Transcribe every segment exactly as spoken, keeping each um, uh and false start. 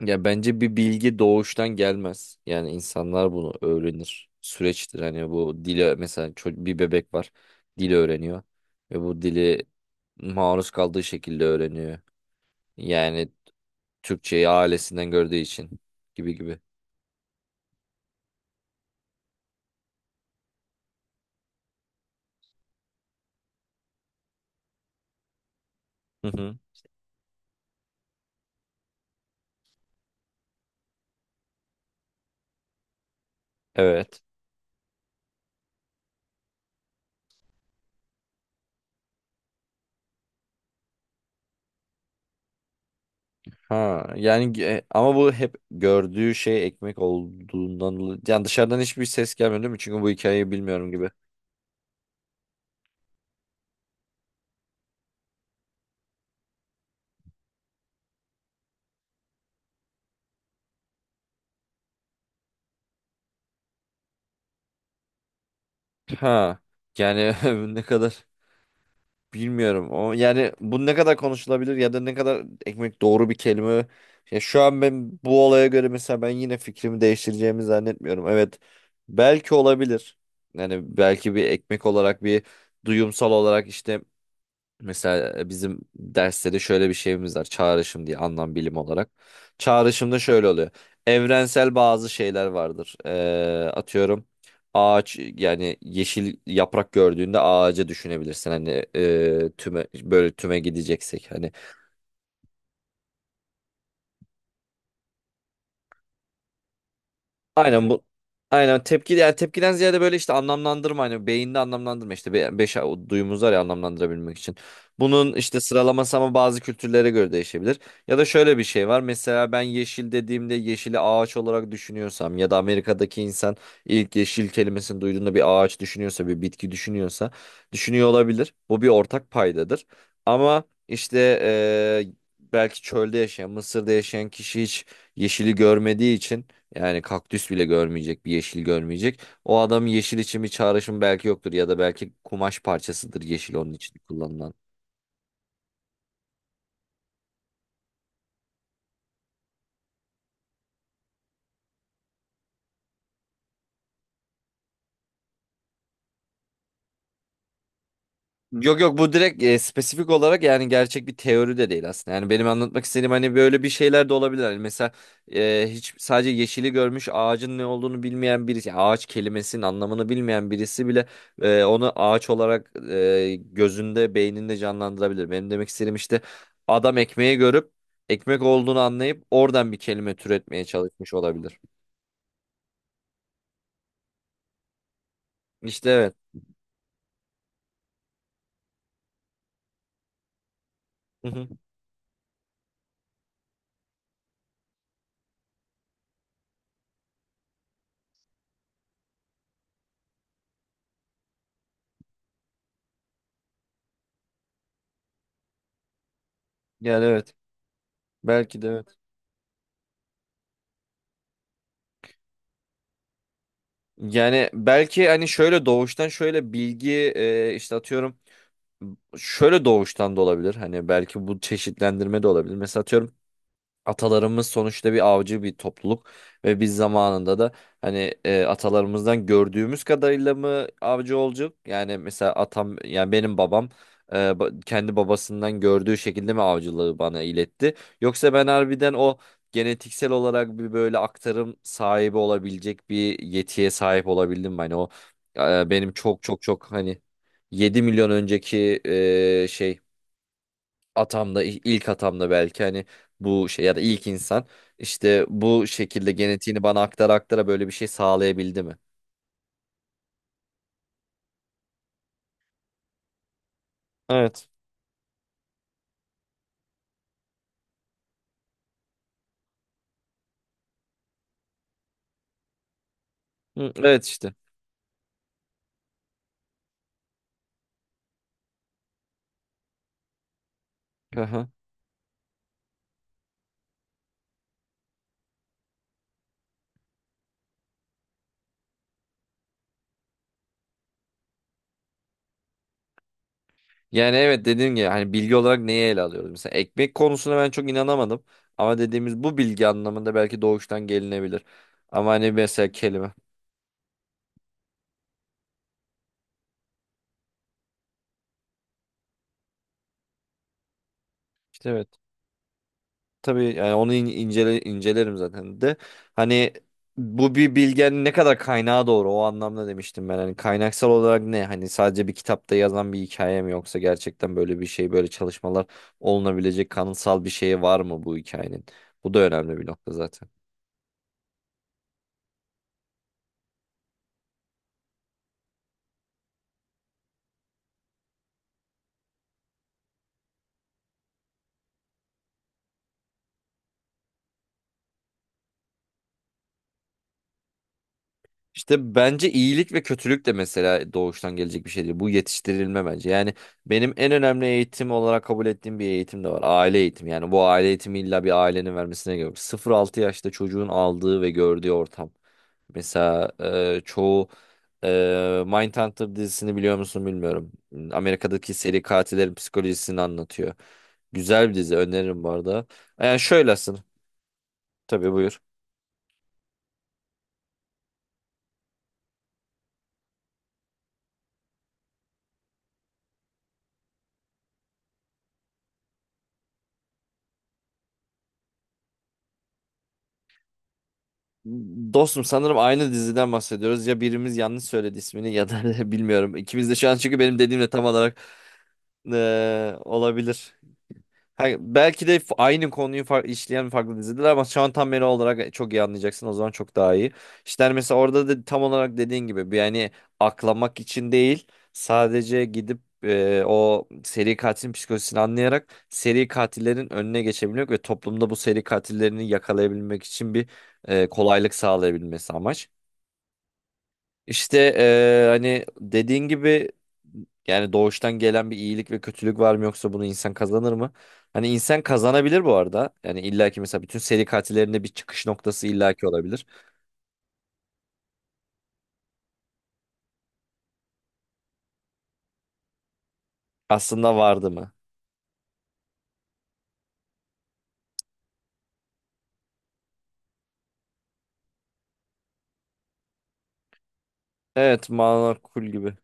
Ya bence bir bilgi doğuştan gelmez. Yani insanlar bunu öğrenir. Süreçtir. Hani bu dili mesela ço- bir bebek var. Dili öğreniyor. Ve bu dili maruz kaldığı şekilde öğreniyor. Yani Türkçeyi ailesinden gördüğü için gibi gibi. Hı hı. Evet. Ha yani ge- ama bu hep gördüğü şey ekmek olduğundan dolayı, yani dışarıdan hiçbir ses gelmiyor değil mi? Çünkü bu hikayeyi bilmiyorum gibi. Ha yani ne kadar. Bilmiyorum. O yani bu ne kadar konuşulabilir ya da ne kadar ekmek doğru bir kelime. Ya şu an ben bu olaya göre mesela ben yine fikrimi değiştireceğimi zannetmiyorum. Evet. Belki olabilir. Yani belki bir ekmek olarak bir duyumsal olarak işte. Mesela e, bizim derste de şöyle bir şeyimiz var. Çağrışım diye anlam bilim olarak. Çağrışımda şöyle oluyor. Evrensel bazı şeyler vardır. Ee, atıyorum ağaç yani yeşil yaprak gördüğünde ağaca düşünebilirsin. Hani e, tüme böyle tüme gideceksek hani. Aynen bu. Aynen tepki yani tepkiden ziyade böyle işte anlamlandırma hani beyinde anlamlandırma işte be- beş o duyumuz var ya anlamlandırabilmek için. Bunun işte sıralaması ama bazı kültürlere göre değişebilir. Ya da şöyle bir şey var. Mesela ben yeşil dediğimde yeşili ağaç olarak düşünüyorsam ya da Amerika'daki insan ilk yeşil kelimesini duyduğunda bir ağaç düşünüyorsa bir bitki düşünüyorsa düşünüyor olabilir. Bu bir ortak paydadır. Ama işte eee, belki çölde yaşayan Mısır'da yaşayan kişi hiç yeşili görmediği için yani kaktüs bile görmeyecek, bir yeşil görmeyecek. O adamın yeşil için bir çağrışım belki yoktur ya da belki kumaş parçasıdır yeşil onun için kullanılan. Yok yok, bu direkt e, spesifik olarak yani gerçek bir teori de değil aslında. Yani benim anlatmak istediğim hani böyle bir şeyler de olabilir. Hani mesela e, hiç sadece yeşili görmüş ağacın ne olduğunu bilmeyen birisi, yani ağaç kelimesinin anlamını bilmeyen birisi bile e, onu ağaç olarak e, gözünde, beyninde canlandırabilir. Benim demek istediğim işte adam ekmeği görüp ekmek olduğunu anlayıp oradan bir kelime türetmeye çalışmış olabilir. İşte evet. Hı hı. Yani evet. Belki de evet. Yani belki hani şöyle doğuştan şöyle bilgi e, işte atıyorum şöyle doğuştan da olabilir. Hani belki bu çeşitlendirme de olabilir. Mesela atıyorum atalarımız sonuçta bir avcı bir topluluk ve biz zamanında da hani e, atalarımızdan gördüğümüz kadarıyla mı avcı olacak? Yani mesela atam yani benim babam e, ba- kendi babasından gördüğü şekilde mi avcılığı bana iletti? Yoksa ben harbiden o genetiksel olarak bir böyle aktarım sahibi olabilecek bir yetiye sahip olabildim mi? Hani o e, benim çok çok çok hani yedi milyon önceki e, şey atamda, il- ilk atamda belki hani bu şey ya da ilk insan işte bu şekilde genetiğini bana aktara aktara böyle bir şey sağlayabildi mi? Evet. Hı, evet işte. Aha. Yani evet, dediğim gibi hani bilgi olarak neye ele alıyoruz? Mesela ekmek konusuna ben çok inanamadım. Ama dediğimiz bu bilgi anlamında belki doğuştan gelinebilir. Ama hani mesela kelime. İşte evet. Tabii yani onu in- incele, incelerim zaten de. Hani bu bir bilgenin ne kadar kaynağı doğru, o anlamda demiştim ben. Hani kaynaksal olarak ne? Hani sadece bir kitapta yazan bir hikaye mi, yoksa gerçekten böyle bir şey, böyle çalışmalar olunabilecek kanıtsal bir şey var mı bu hikayenin? Bu da önemli bir nokta zaten. İşte bence iyilik ve kötülük de mesela doğuştan gelecek bir şey değil. Bu yetiştirilme bence. Yani benim en önemli eğitim olarak kabul ettiğim bir eğitim de var. Aile eğitimi. Yani bu aile eğitimi illa bir ailenin vermesine gerek yok. sıfır altı yaşta çocuğun aldığı ve gördüğü ortam. Mesela e, çoğu e, Mindhunter dizisini biliyor musun bilmiyorum. Amerika'daki seri katillerin psikolojisini anlatıyor. Güzel bir dizi, öneririm bu arada. Yani şöylesin. Tabii, buyur. Dostum, sanırım aynı diziden bahsediyoruz. Ya birimiz yanlış söyledi ismini, ya da bilmiyorum. İkimiz de şu an çünkü benim dediğimle tam olarak eee, olabilir. Ha, belki de f- aynı konuyu fa- işleyen farklı diziler, ama şu an tam beni olarak e, çok iyi anlayacaksın. O zaman çok daha iyi. İşte hani mesela orada da tam olarak dediğin gibi bir yani aklamak için değil, sadece gidip e, o seri katilin psikolojisini anlayarak seri katillerin önüne geçebilmek ve toplumda bu seri katillerini yakalayabilmek için bir e, kolaylık sağlayabilmesi amaç. İşte eee, hani dediğin gibi, yani doğuştan gelen bir iyilik ve kötülük var mı, yoksa bunu insan kazanır mı? Hani insan kazanabilir bu arada. Yani illaki mesela bütün seri katillerinde bir çıkış noktası illaki olabilir. Aslında vardı mı? Evet, makul gibi.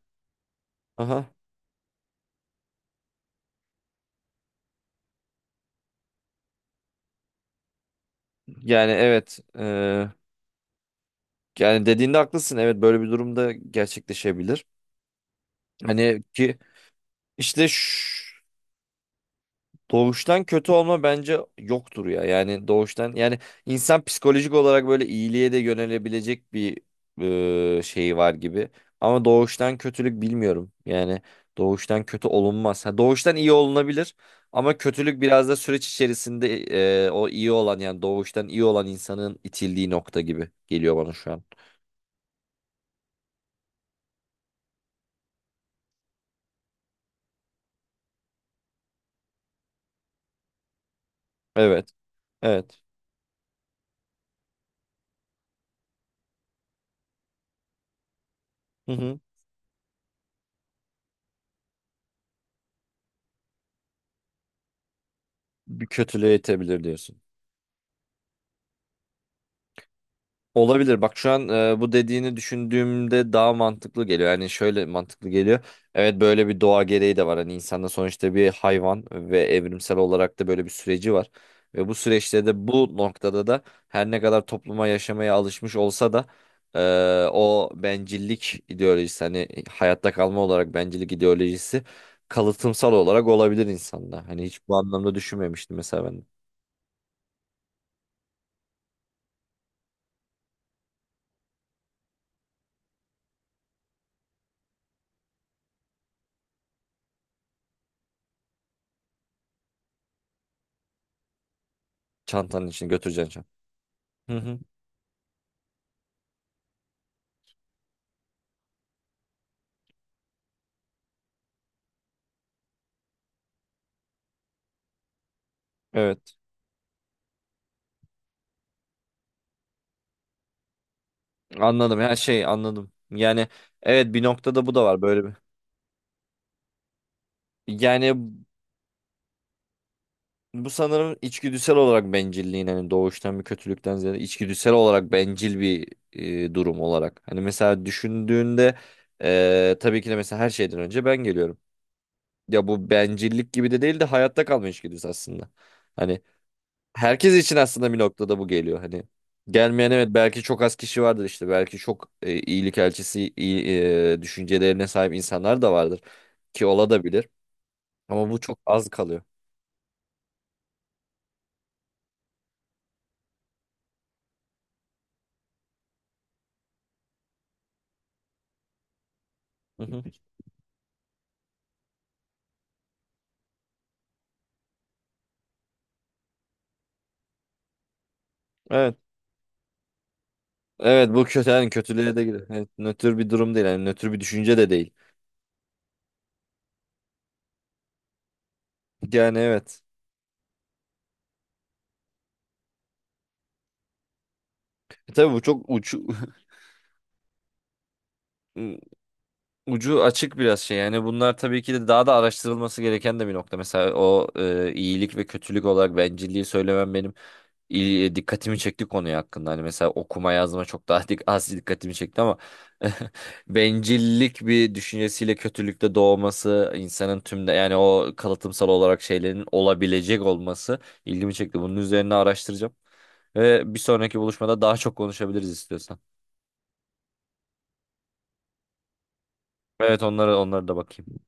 Aha. Yani evet. eee, yani dediğinde haklısın. Evet, böyle bir durumda gerçekleşebilir. Hani ki işte şu. Doğuştan kötü olma bence yoktur ya. Yani doğuştan, yani insan psikolojik olarak böyle iyiliğe de yönelebilecek bir e, şeyi var gibi. Ama doğuştan kötülük bilmiyorum. Yani doğuştan kötü olunmaz. Ha, doğuştan iyi olunabilir ama kötülük biraz da süreç içerisinde e, o iyi olan, yani doğuştan iyi olan insanın itildiği nokta gibi geliyor bana şu an. Evet. Evet. Hı hı. Bir kötülüğe itebilir, diyorsun. Olabilir. Bak şu an e, bu dediğini düşündüğümde daha mantıklı geliyor. Yani şöyle mantıklı geliyor. Evet, böyle bir doğa gereği de var. Hani insanda sonuçta bir hayvan ve evrimsel olarak da böyle bir süreci var. Ve bu süreçte de, bu noktada da her ne kadar topluma yaşamaya alışmış olsa da e, o bencillik ideolojisi, hani hayatta kalma olarak bencillik ideolojisi kalıtımsal olarak olabilir insanda. Hani hiç bu anlamda düşünmemiştim mesela ben. Çantanın içine götüreceksin çant. Hı hı. Evet. Anladım. Her şey anladım. Yani evet, bir noktada bu da var böyle bir. Yani bu sanırım içgüdüsel olarak bencilliğin, hani doğuştan bir kötülükten ziyade içgüdüsel olarak bencil bir e, durum olarak. Hani mesela düşündüğünde e, tabii ki de mesela her şeyden önce ben geliyorum. Ya bu bencillik gibi de değil de hayatta kalma içgüdüsü aslında. Hani herkes için aslında bir noktada bu geliyor hani. Gelmeyen, evet, belki çok az kişi vardır, işte belki çok e, iyilik elçisi iyi, e, düşüncelerine sahip insanlar da vardır ki ola da bilir, ama bu çok az kalıyor. Hı hı. Evet. Evet, bu kötü yani, kötülüğe de gidiyor. Evet, nötr bir durum değil, yani nötr bir düşünce de değil. Yani evet. E, tabii bu çok uç ucu açık biraz şey. Yani bunlar tabii ki de daha da araştırılması gereken de bir nokta. Mesela o e, iyilik ve kötülük olarak bencilliği söylemem benim il- dikkatimi çekti konuya hakkında. Hani mesela okuma yazma çok daha dik az dikkatimi çekti ama bencillik bir düşüncesiyle kötülükte doğması, insanın tümde yani o kalıtımsal olarak şeylerin olabilecek olması ilgimi çekti. Bunun üzerine araştıracağım. Ve bir sonraki buluşmada daha çok konuşabiliriz istiyorsan. Evet, onlara onlara da bakayım.